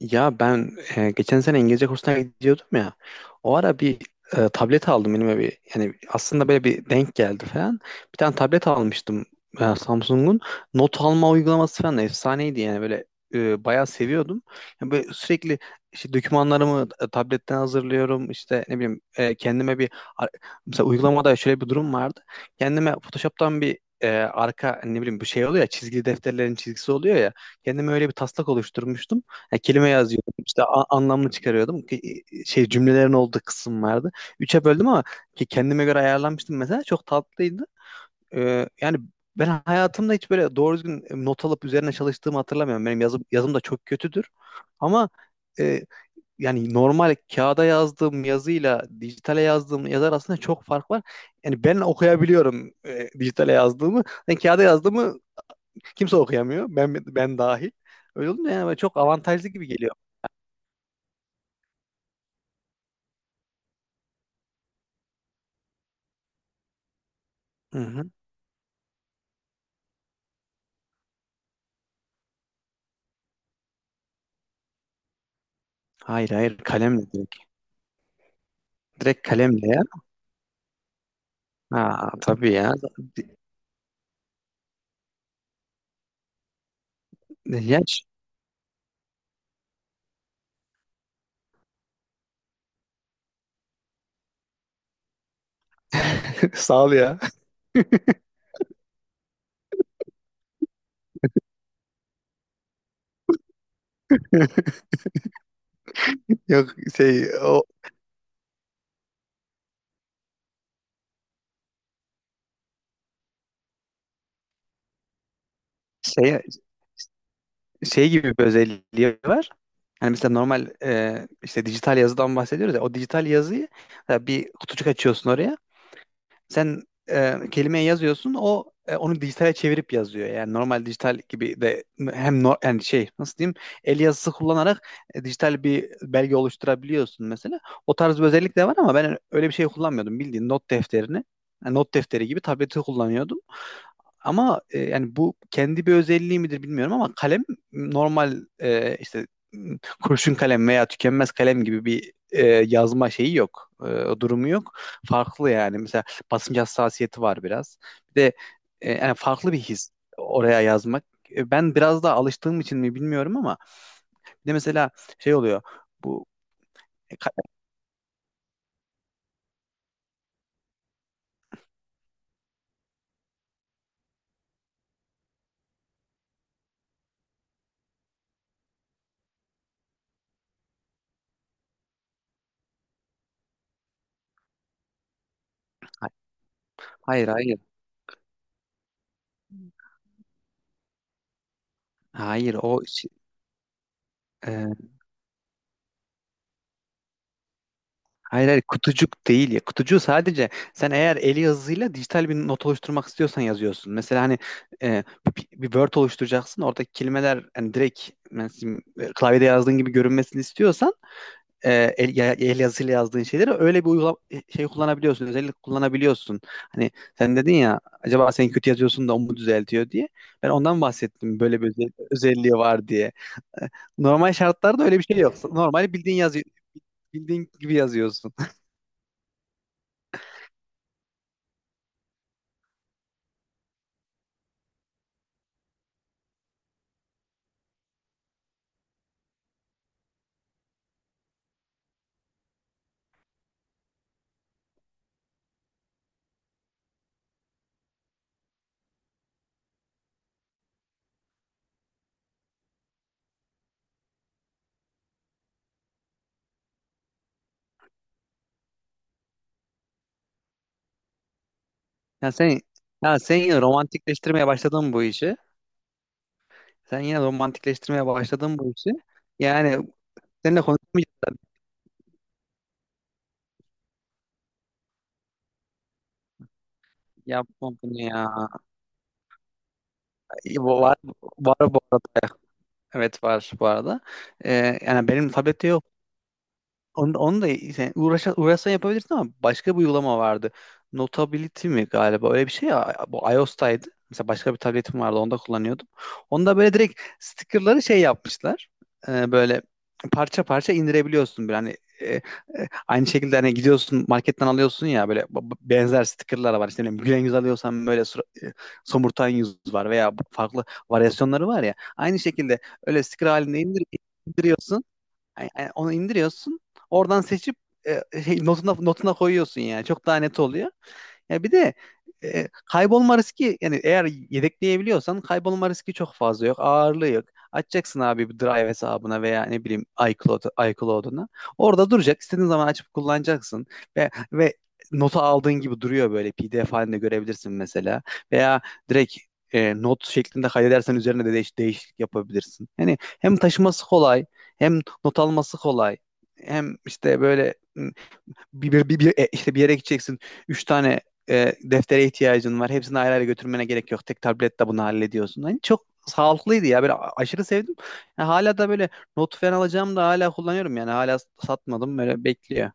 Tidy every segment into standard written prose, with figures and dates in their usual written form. Ya ben geçen sene İngilizce kursuna gidiyordum ya. O ara bir tablet aldım elime bir. Yani aslında böyle bir denk geldi falan. Bir tane tablet almıştım, Samsung'un. Not alma uygulaması falan da efsaneydi yani böyle bayağı seviyordum. Yani böyle sürekli işte dokümanlarımı tabletten hazırlıyorum. İşte ne bileyim kendime bir ar- mesela uygulamada şöyle bir durum vardı. Kendime Photoshop'tan bir arka ne bileyim bir şey oluyor ya, çizgili defterlerin çizgisi oluyor ya. Kendime öyle bir taslak oluşturmuştum. Ya kelime yazıyordum, işte anlamını çıkarıyordum. Şey, cümlelerin olduğu kısım vardı. Üçe böldüm, ama ki kendime göre ayarlanmıştım mesela, çok tatlıydı. Yani ben hayatımda hiç böyle doğru düzgün not alıp üzerine çalıştığımı hatırlamıyorum. Benim yazım, yazım da çok kötüdür. Ama e, yani normal kağıda yazdığım yazıyla dijitale yazdığım yazı arasında çok fark var. Yani ben okuyabiliyorum dijitale yazdığımı. Yani kağıda yazdığımı kimse okuyamıyor. Ben dahil. Öyle olunca yani böyle çok avantajlı gibi geliyor. Hı hı. Hayır hayır, kalemle direkt. Direkt kalemle ya. Ha tabii ya. Ya ş- Sağ ol ya. Yok, şey o şey, şey gibi bir özelliği var. Yani mesela normal, işte dijital yazıdan bahsediyoruz ya. O dijital yazıyı mesela bir kutucuk açıyorsun oraya. Sen kelimeyi yazıyorsun, o onu dijitale çevirip yazıyor. Yani normal dijital gibi de hem yani şey, nasıl diyeyim, el yazısı kullanarak dijital bir belge oluşturabiliyorsun mesela. O tarz bir özellik de var, ama ben öyle bir şey kullanmıyordum. Bildiğin not defterini, yani not defteri gibi tableti kullanıyordum. Ama yani bu kendi bir özelliği midir bilmiyorum, ama kalem normal işte kurşun kalem veya tükenmez kalem gibi bir yazma şeyi yok. E, durumu yok. Farklı yani. Mesela basınç hassasiyeti var biraz. Bir de yani farklı bir his oraya yazmak. E, ben biraz daha alıştığım için mi bilmiyorum, ama bir de mesela şey oluyor. Bu e, ka- hayır hayır. Hayır o şey, e, hayır hayır, kutucuk değil ya. Kutucuğu sadece sen eğer eli yazısıyla dijital bir not oluşturmak istiyorsan yazıyorsun. Mesela hani e, bir Word oluşturacaksın. Oradaki kelimeler hani direkt mesela, klavyede yazdığın gibi görünmesini istiyorsan, e, el yazısıyla yazdığın şeyleri öyle bir şey kullanabiliyorsun. Özellik kullanabiliyorsun. Hani sen dedin ya, acaba sen kötü yazıyorsun da o mu düzeltiyor diye. Ben ondan bahsettim, böyle bir özelliği var diye. E, normal şartlarda öyle bir şey yok. Normal bildiğin yazı bildiğin gibi yazıyorsun. Ya sen ya sen yine romantikleştirmeye başladın bu işi. Sen yine romantikleştirmeye başladın bu işi. Yani seninle konuşmayacağım. Yapma bunu ya. Var, var bu arada. Evet, var bu arada. Yani benim tablette yok. Onu da yani uğraşsan yapabilirsin, ama başka bir uygulama vardı. Notability mi galiba, öyle bir şey ya. Bu iOS'taydı. Mesela başka bir tabletim vardı, onda kullanıyordum. Onda böyle direkt stickerları şey yapmışlar. Böyle parça parça indirebiliyorsun. Böyle hani aynı şekilde hani gidiyorsun marketten alıyorsun ya, böyle benzer stickerlar var. İşte ne bileyim, gülen yüz alıyorsan böyle somurtan yüz var veya farklı varyasyonları var ya. Aynı şekilde öyle sticker halinde indiriyorsun. Yani onu indiriyorsun. Oradan seçip notuna koyuyorsun yani. Çok daha net oluyor. Ya bir de kaybolma riski, yani eğer yedekleyebiliyorsan kaybolma riski çok fazla yok. Ağırlığı yok. Açacaksın abi bir Drive hesabına veya ne bileyim iCloud, iCloud'una. Orada duracak. İstediğin zaman açıp kullanacaksın. Ve notu aldığın gibi duruyor, böyle PDF halinde görebilirsin mesela. Veya direkt not şeklinde kaydedersen üzerine de değişiklik yapabilirsin. Yani hem taşıması kolay, hem not alması kolay, hem işte böyle işte bir yere gideceksin. Üç tane deftere ihtiyacın var. Hepsini ayrı ayrı götürmene gerek yok. Tek tabletle bunu hallediyorsun. Hani çok sağlıklıydı ya. Böyle aşırı sevdim. Yani hala da böyle not falan alacağım da hala kullanıyorum yani. Hala satmadım. Böyle bekliyor.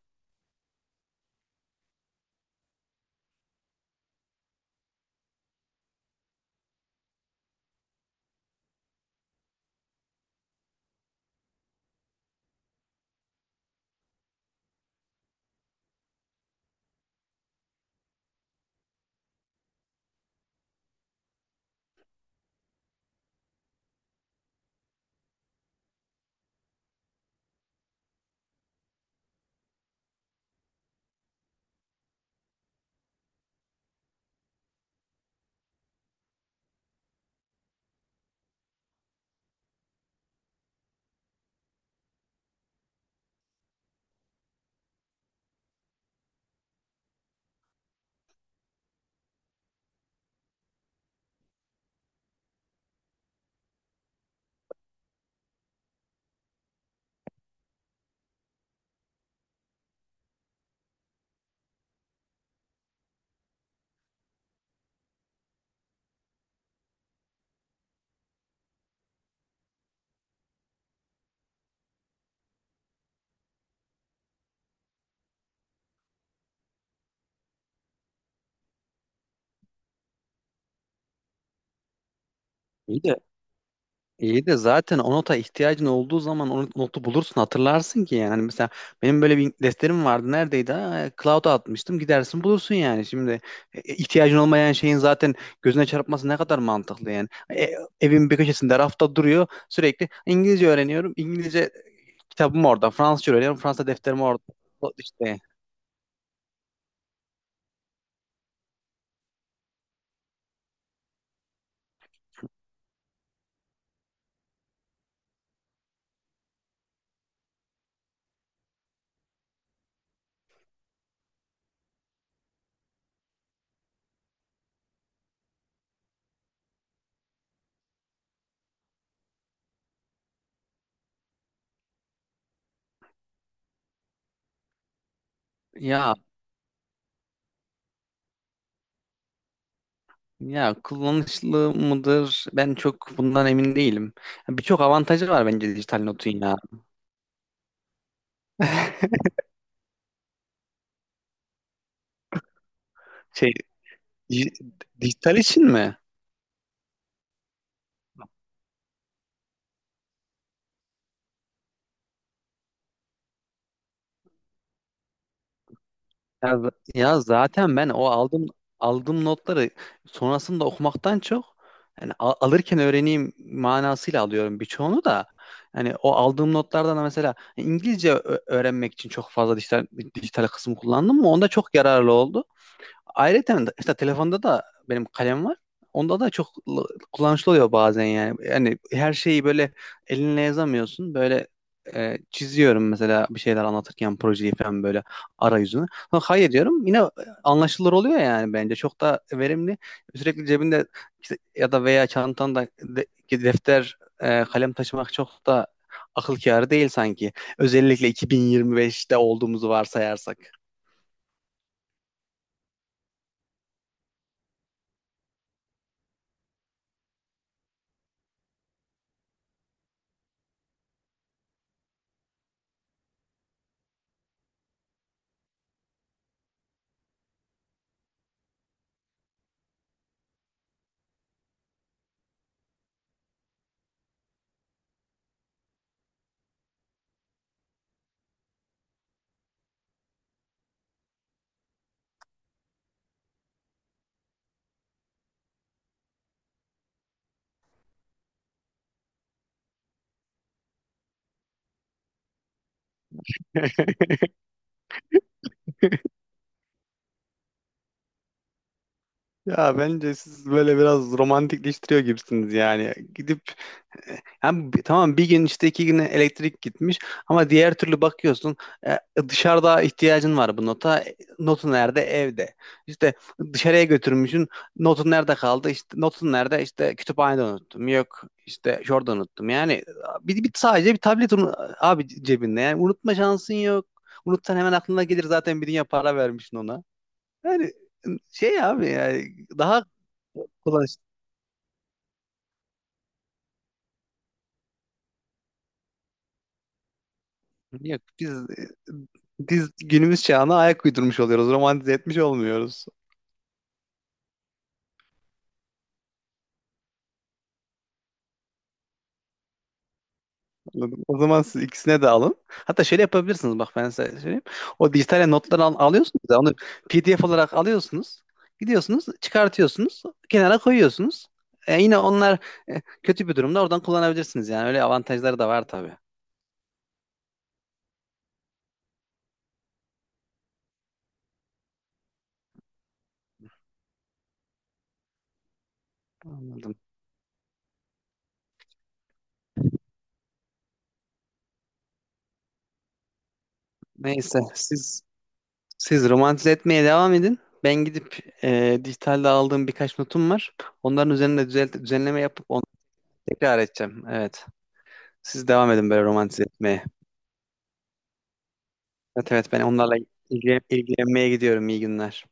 İyi de İyi de zaten o nota ihtiyacın olduğu zaman o notu bulursun, hatırlarsın ki yani. Hani mesela benim böyle bir defterim vardı, neredeydi? Ha, cloud'a atmıştım, gidersin bulursun yani. Şimdi ihtiyacın olmayan şeyin zaten gözüne çarpması ne kadar mantıklı yani. E, evin bir köşesinde rafta duruyor sürekli, İngilizce öğreniyorum İngilizce kitabım orada, Fransızca öğreniyorum Fransa defterim orada. O işte ya ya kullanışlı mıdır ben çok bundan emin değilim. Birçok avantajı var bence dijital notun ya. Şey Di- Dijital için mi? Ya zaten ben o aldığım notları sonrasında okumaktan çok, yani alırken öğreneyim manasıyla alıyorum birçoğunu da. Yani o aldığım notlardan da mesela İngilizce öğrenmek için çok fazla dijital kısım kullandım mı? Onda çok yararlı oldu. Ayrıca işte telefonda da benim kalem var. Onda da çok kullanışlı oluyor bazen yani. Yani her şeyi böyle elinle yazamıyorsun. Böyle çiziyorum mesela, bir şeyler anlatırken projeyi falan böyle arayüzünü. Ha, hayır diyorum, yine anlaşılır oluyor yani bence. Çok da verimli. Sürekli cebinde işte, ya da veya çantanda defter, kalem taşımak çok da akıl kârı değil sanki. Özellikle 2025'te olduğumuzu varsayarsak. Ya bence siz böyle biraz romantikleştiriyor gibisiniz yani. Gidip yani tamam, bir gün işte iki güne elektrik gitmiş, ama diğer türlü bakıyorsun e, dışarıda ihtiyacın var bu nota. E, notu nerede? Evde. İşte dışarıya götürmüşsün. Notun nerede kaldı? İşte notun nerede? İşte kütüphanede unuttum. Yok işte şurada unuttum. Yani bir, bir sadece bir tablet, abi cebinde. Yani unutma şansın yok. Unutsan hemen aklına gelir zaten, bir dünya para vermişsin ona. Yani şey abi, yani daha kolay. Yok, biz günümüz çağına ayak uydurmuş oluyoruz. Romantize etmiş olmuyoruz. Anladın mı? O zaman siz ikisine de alın. Hatta şöyle yapabilirsiniz, bak ben size söyleyeyim. O dijital notları alıyorsunuz da onu PDF olarak alıyorsunuz. Gidiyorsunuz, çıkartıyorsunuz, kenara koyuyorsunuz. E, yine onlar kötü bir durumda oradan kullanabilirsiniz yani. Öyle avantajları da var tabii. Anladım. Neyse siz Siz romantize etmeye devam edin. Ben gidip dijitalde aldığım birkaç notum var. Onların üzerinde düzenleme yapıp onu tekrar edeceğim. Evet. Siz devam edin böyle romantize etmeye. Evet, evet, ben onlarla ilgilenmeye gidiyorum. İyi günler.